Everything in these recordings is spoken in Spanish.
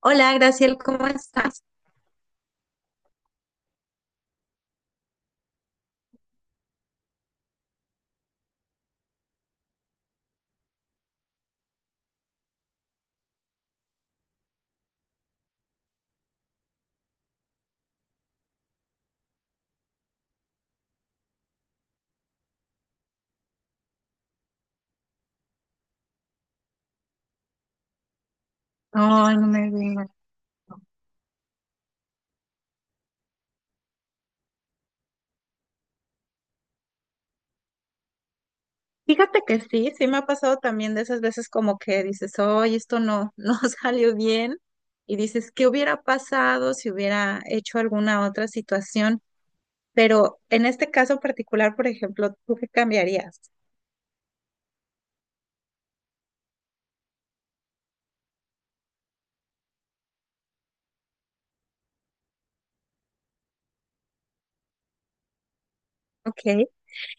Hola, Graciel, ¿cómo estás? No, no me digas. Fíjate que sí, sí me ha pasado también de esas veces como que dices, oye, esto no, no salió bien. Y dices, ¿qué hubiera pasado si hubiera hecho alguna otra situación? Pero en este caso particular, por ejemplo, ¿tú qué cambiarías? Ok.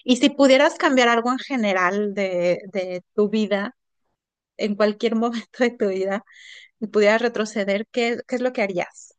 Y si pudieras cambiar algo en general de tu vida, en cualquier momento de tu vida, y pudieras retroceder, ¿qué, qué es lo que harías?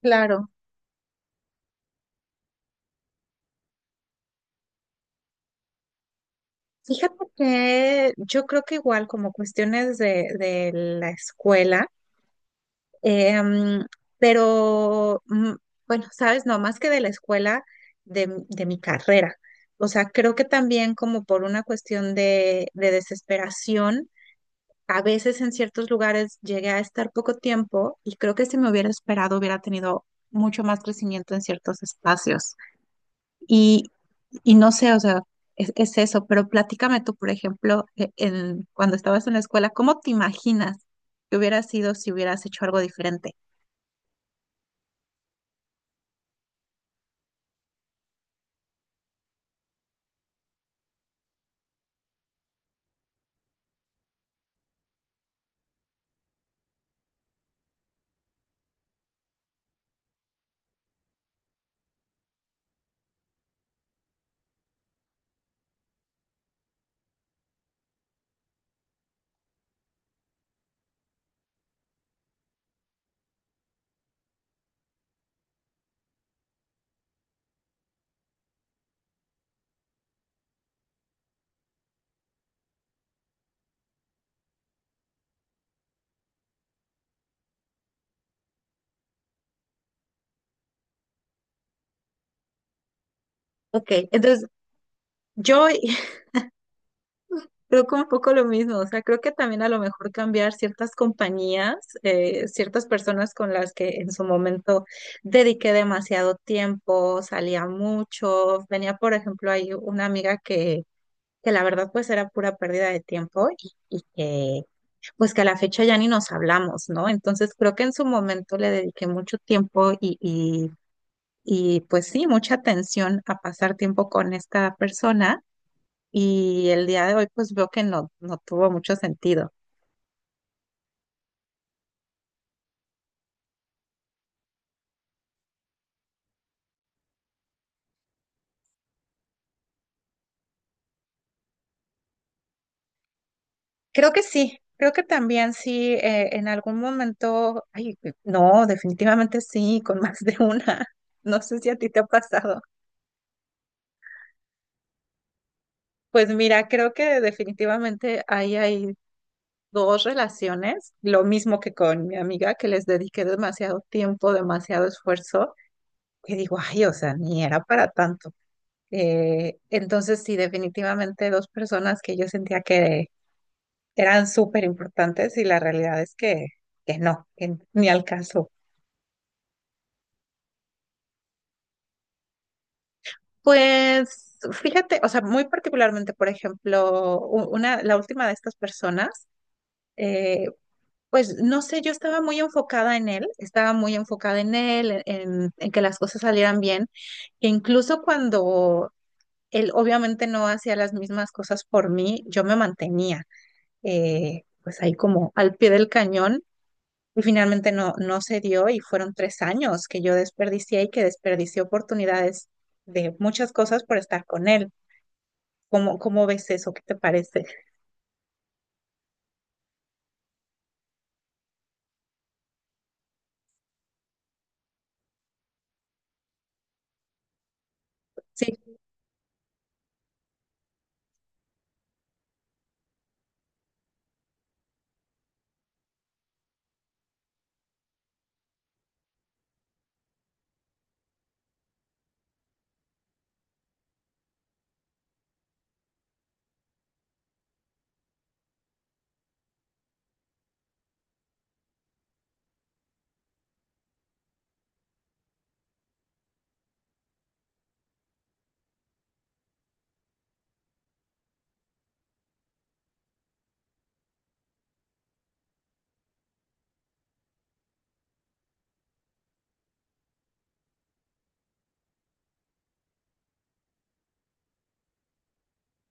Claro. Fíjate que yo creo que igual como cuestiones de la escuela, em, pero bueno, sabes, no, más que de la escuela, de, de mi carrera. O sea, creo que también como por una cuestión de desesperación, a veces en ciertos lugares llegué a estar poco tiempo y creo que si me hubiera esperado hubiera tenido mucho más crecimiento en ciertos espacios. Y no sé, o sea, es eso, pero platícame tú, por ejemplo, en, cuando estabas en la escuela, ¿cómo te imaginas que hubiera sido si hubieras hecho algo diferente? Ok, entonces yo creo que un poco lo mismo, o sea, creo que también a lo mejor cambiar ciertas compañías, ciertas personas con las que en su momento dediqué demasiado tiempo, salía mucho, tenía, por ejemplo, ahí una amiga que la verdad pues era pura pérdida de tiempo y pues que a la fecha ya ni nos hablamos, ¿no? Entonces creo que en su momento le dediqué mucho tiempo y pues sí, mucha atención a pasar tiempo con esta persona y el día de hoy pues veo que no, no tuvo mucho sentido. Creo que sí, creo que también sí, en algún momento, ay, no, definitivamente sí, con más de una. No sé si a ti te ha pasado. Pues mira, creo que definitivamente ahí hay dos relaciones, lo mismo que con mi amiga, que les dediqué demasiado tiempo, demasiado esfuerzo, que digo, ay, o sea, ni era para tanto. Entonces, sí, definitivamente dos personas que yo sentía que eran súper importantes y la realidad es que no, que ni al caso. Pues fíjate, o sea, muy particularmente, por ejemplo, una, la última de estas personas, eh, pues no sé, yo estaba muy enfocada en él, estaba muy enfocada en él, en que las cosas salieran bien, que incluso cuando él obviamente no hacía las mismas cosas por mí, yo me mantenía, pues ahí como al pie del cañón y finalmente no, no se dio y fueron tres años que yo desperdicié y que desperdicié oportunidades de muchas cosas por estar con él. ¿Cómo, cómo ves eso? ¿Qué te parece? Sí,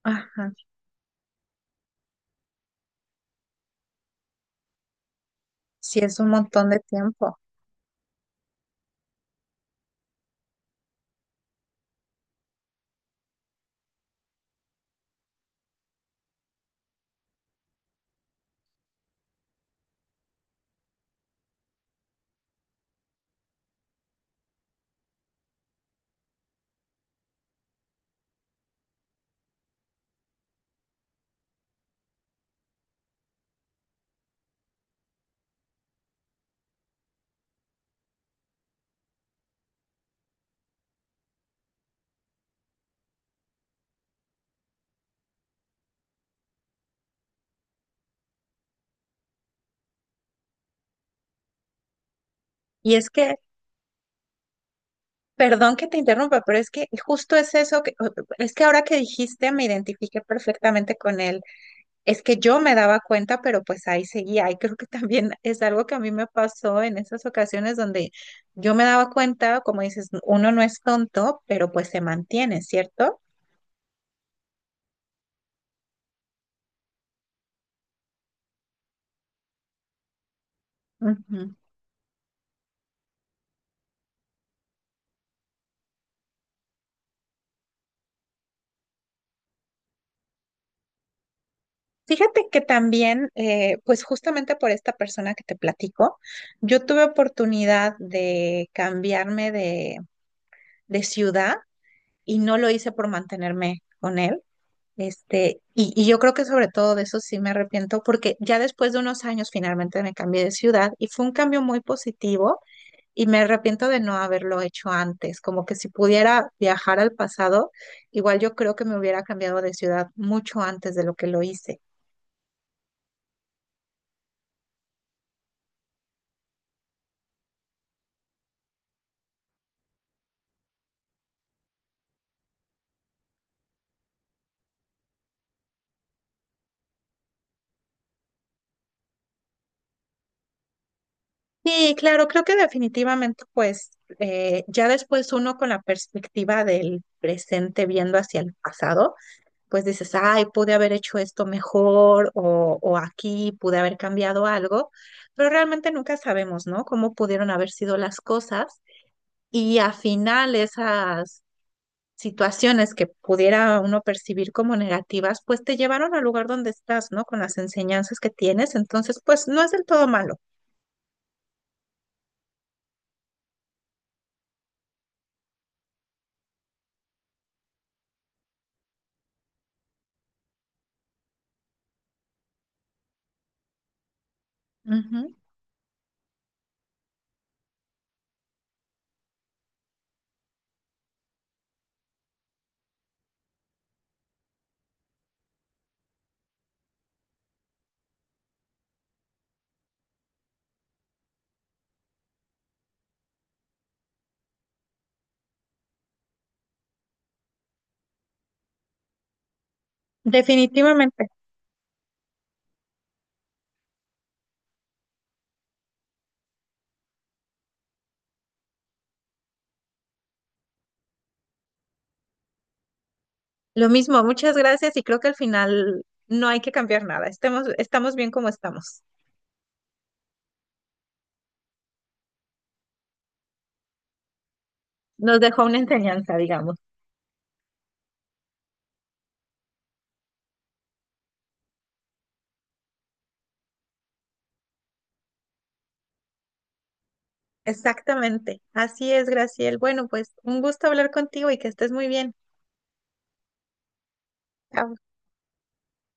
ajá, sí es un montón de tiempo. Y es que perdón que te interrumpa, pero es que justo es eso que, es que ahora que dijiste me identifiqué perfectamente con él. Es que yo me daba cuenta, pero pues ahí seguía. Y creo que también es algo que a mí me pasó en esas ocasiones donde yo me daba cuenta, como dices, uno no es tonto, pero pues se mantiene, ¿cierto? Ujú. Fíjate que también, pues justamente por esta persona que te platico, yo tuve oportunidad de cambiarme de ciudad y no lo hice por mantenerme con él. Este, y yo creo que sobre todo de eso sí me arrepiento porque ya después de unos años finalmente me cambié de ciudad y fue un cambio muy positivo y me arrepiento de no haberlo hecho antes, como que si pudiera viajar al pasado, igual yo creo que me hubiera cambiado de ciudad mucho antes de lo que lo hice. Sí, claro, creo que definitivamente pues, ya después uno con la perspectiva del presente viendo hacia el pasado pues dices, ay, pude haber hecho esto mejor o aquí pude haber cambiado algo, pero realmente nunca sabemos, ¿no? Cómo pudieron haber sido las cosas y al final esas situaciones que pudiera uno percibir como negativas, pues te llevaron al lugar donde estás, ¿no? Con las enseñanzas que tienes, entonces, pues no es del todo malo. Ujú. Definitivamente. Lo mismo, muchas gracias y creo que al final no hay que cambiar nada, estemos, estamos bien como estamos. Nos dejó una enseñanza, digamos. Exactamente. Así es, Graciel. Bueno, pues un gusto hablar contigo y que estés muy bien. Chao.